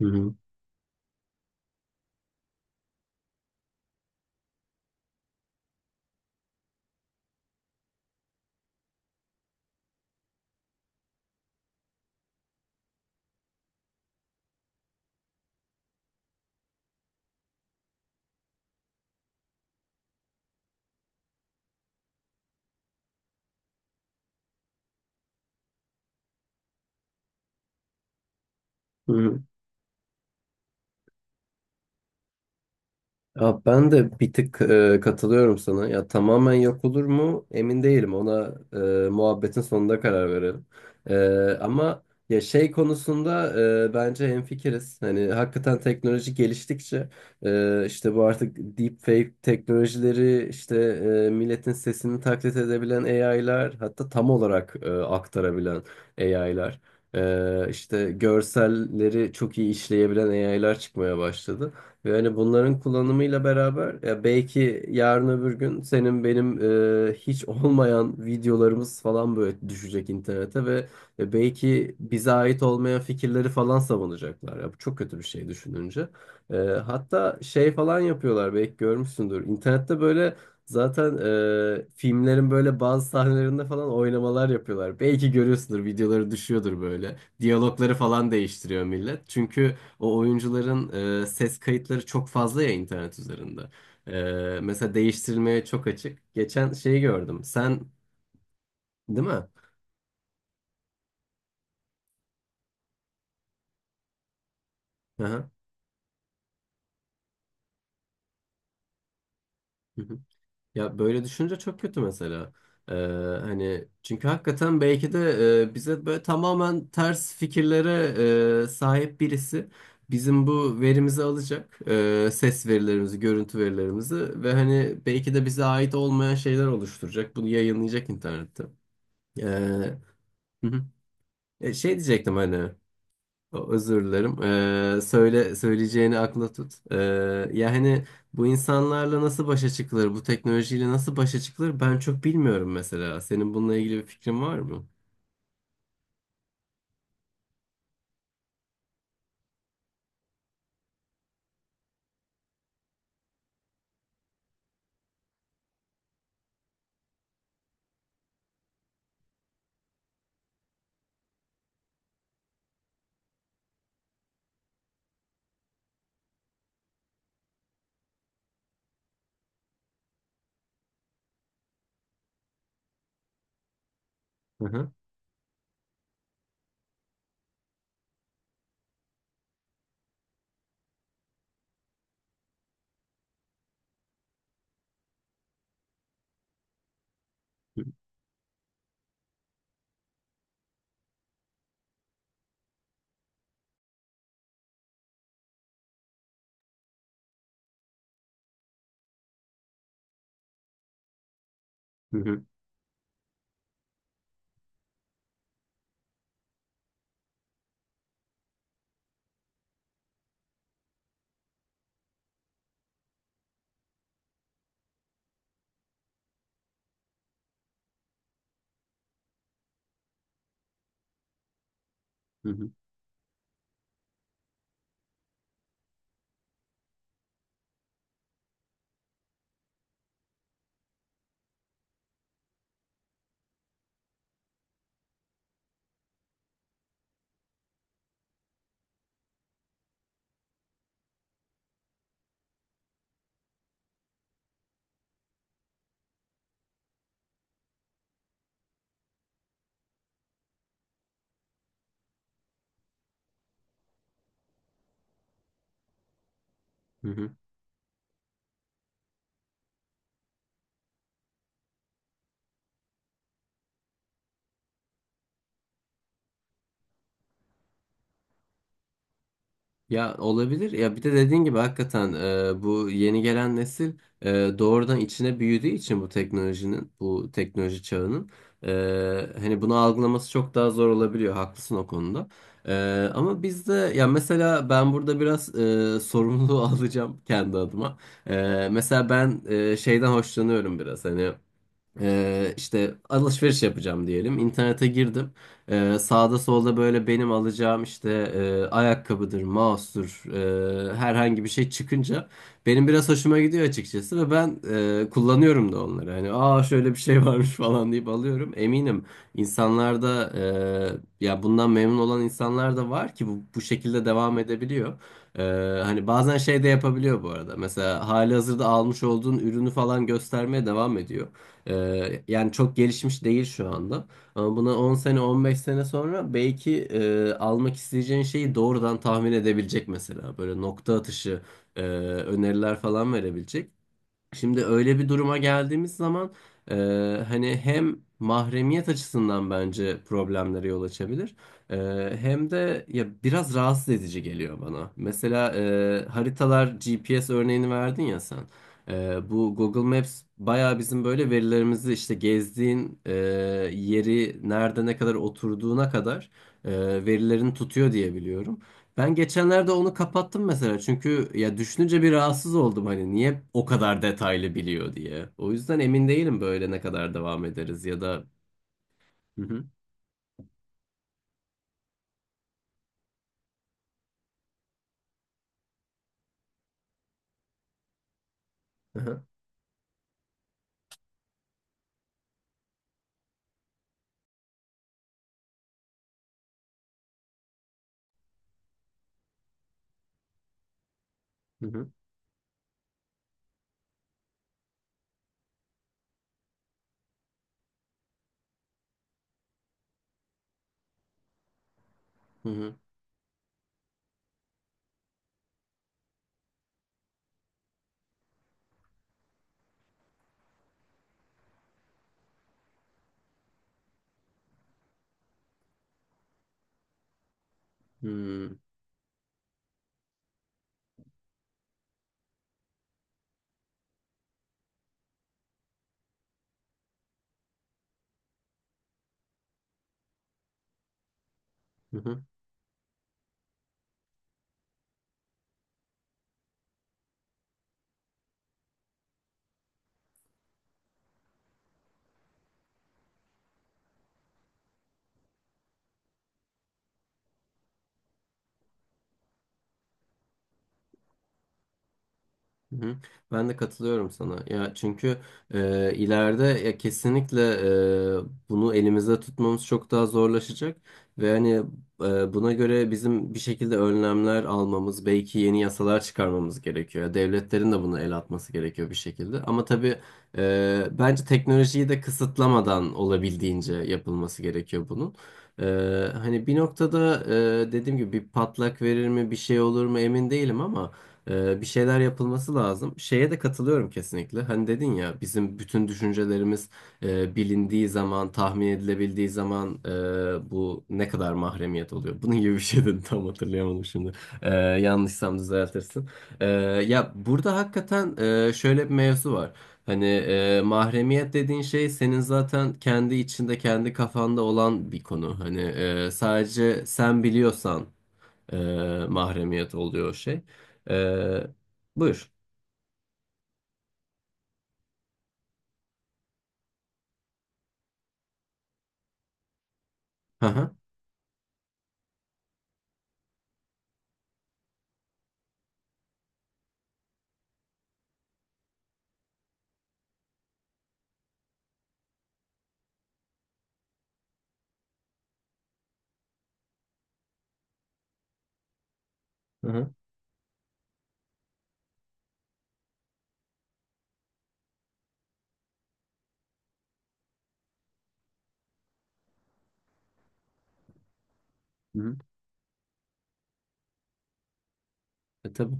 Hı hı. Hı hı. Ya ben de bir tık katılıyorum sana. Ya tamamen yok olur mu? Emin değilim. Ona muhabbetin sonunda karar verelim. Ama ya şey konusunda bence hemfikiriz. Hani hakikaten teknoloji geliştikçe işte bu artık deepfake teknolojileri işte milletin sesini taklit edebilen AI'lar, hatta tam olarak aktarabilen AI'lar, işte görselleri çok iyi işleyebilen AI'lar çıkmaya başladı. Ve hani bunların kullanımıyla beraber ya belki yarın öbür gün senin benim hiç olmayan videolarımız falan böyle düşecek internete ve belki bize ait olmayan fikirleri falan savunacaklar. Ya bu çok kötü bir şey düşününce. Hatta şey falan yapıyorlar, belki görmüşsündür. İnternette böyle zaten filmlerin böyle bazı sahnelerinde falan oynamalar yapıyorlar. Belki görüyorsundur, videoları düşüyordur böyle. Diyalogları falan değiştiriyor millet. Çünkü o oyuncuların ses kayıtları çok fazla ya internet üzerinde. Mesela değiştirilmeye çok açık. Geçen şeyi gördüm. Sen değil mi? Aha. Hı hı. Ya böyle düşünce çok kötü mesela. E, Hani çünkü hakikaten belki de bize böyle tamamen ters fikirlere sahip birisi bizim bu verimizi alacak. Ses verilerimizi, görüntü verilerimizi ve hani belki de bize ait olmayan şeyler oluşturacak. Bunu yayınlayacak internette. Hı hı. Şey diyecektim, hani özür dilerim. Söyle söyleyeceğini, akla tut. Ya hani bu insanlarla nasıl başa çıkılır? Bu teknolojiyle nasıl başa çıkılır? Ben çok bilmiyorum mesela. Senin bununla ilgili bir fikrin var mı? Hı hı. Hı hı. Hı hı. Hı hı. Ya olabilir. Ya bir de dediğin gibi hakikaten bu yeni gelen nesil doğrudan içine büyüdüğü için bu teknolojinin, bu teknoloji çağının hani bunu algılaması çok daha zor olabiliyor. Haklısın o konuda. E, Ama biz de ya mesela ben burada biraz sorumluluğu alacağım kendi adıma. Mesela ben şeyden hoşlanıyorum biraz hani. İşte alışveriş yapacağım diyelim. İnternete girdim. Sağda solda böyle benim alacağım işte ayakkabıdır, mouse'dur, herhangi bir şey çıkınca benim biraz hoşuma gidiyor açıkçası ve ben kullanıyorum da onları. Hani aa şöyle bir şey varmış falan deyip alıyorum. Eminim insanlarda ya bundan memnun olan insanlar da var ki bu şekilde devam edebiliyor. Ee, Hani bazen şey de yapabiliyor bu arada. Mesela hali hazırda almış olduğun ürünü falan göstermeye devam ediyor. Yani çok gelişmiş değil şu anda. Ama buna 10 sene 15 sene sonra belki almak isteyeceğin şeyi doğrudan tahmin edebilecek mesela. Böyle nokta atışı öneriler falan verebilecek. Şimdi öyle bir duruma geldiğimiz zaman e, hani hem mahremiyet açısından bence problemlere yol açabilir. E, Hem de ya biraz rahatsız edici geliyor bana. Mesela haritalar, GPS örneğini verdin ya sen. Bu Google Maps bayağı bizim böyle verilerimizi, işte gezdiğin yeri, nerede ne kadar oturduğuna kadar e, verilerini tutuyor diye biliyorum. Ben geçenlerde onu kapattım mesela çünkü ya düşününce bir rahatsız oldum, hani niye o kadar detaylı biliyor diye. O yüzden emin değilim böyle ne kadar devam ederiz ya da. Hı hı. Hı hı. Hı hı. Hı hı. Hı hı. Hı hı. Ben de katılıyorum sana. Ya çünkü ileride ya kesinlikle bunu elimizde tutmamız çok daha zorlaşacak ve hani buna göre bizim bir şekilde önlemler almamız, belki yeni yasalar çıkarmamız gerekiyor. Ya devletlerin de buna el atması gerekiyor bir şekilde. Ama tabii bence teknolojiyi de kısıtlamadan olabildiğince yapılması gerekiyor bunun. E, Hani bir noktada dediğim gibi bir patlak verir mi, bir şey olur mu emin değilim ama. Bir şeyler yapılması lazım. Şeye de katılıyorum kesinlikle. Hani dedin ya bizim bütün düşüncelerimiz bilindiği zaman, tahmin edilebildiği zaman bu ne kadar mahremiyet oluyor. Bunun gibi bir şey dedim, tam hatırlayamadım şimdi. Yanlışsam düzeltirsin. Ee, Ya burada hakikaten şöyle bir mevzu var. Hani mahremiyet dediğin şey senin zaten kendi içinde, kendi kafanda olan bir konu. Hani sadece sen biliyorsan e, mahremiyet oluyor o şey. E, Buyur. Hı hı. Hı hı. Hı. Hı. Tabii.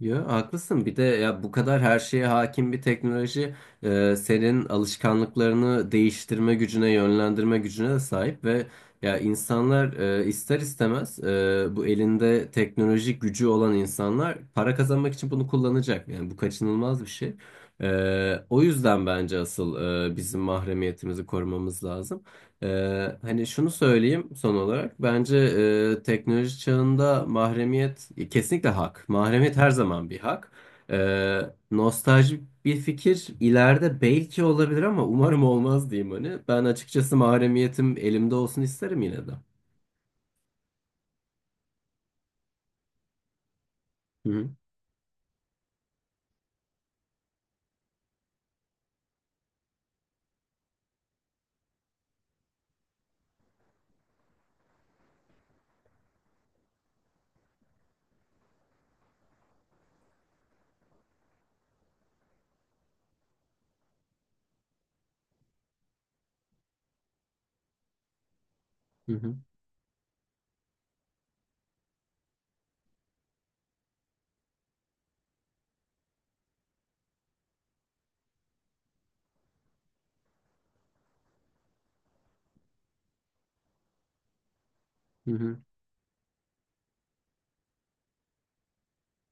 Yo, haklısın. Bir de ya bu kadar her şeye hakim bir teknoloji senin alışkanlıklarını değiştirme gücüne, yönlendirme gücüne de sahip ve ya insanlar ister istemez bu elinde teknolojik gücü olan insanlar para kazanmak için bunu kullanacak. Yani bu kaçınılmaz bir şey. O yüzden bence asıl bizim mahremiyetimizi korumamız lazım. Hani şunu söyleyeyim son olarak. Bence teknoloji çağında mahremiyet kesinlikle hak. Mahremiyet her zaman bir hak. Ee, Nostalji bir fikir ileride belki olabilir ama umarım olmaz, diyeyim hani. Ben açıkçası mahremiyetim elimde olsun isterim yine de. Hı hı, hı hı. Hı hı.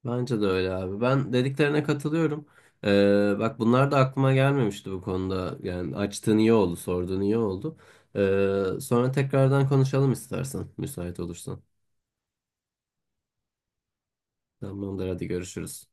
Bence de öyle abi. Ben dediklerine katılıyorum. Bak bunlar da aklıma gelmemişti bu konuda. Yani açtığın iyi oldu, sorduğun iyi oldu. Sonra tekrardan konuşalım istersen, müsait olursan. Tamamdır, hadi görüşürüz.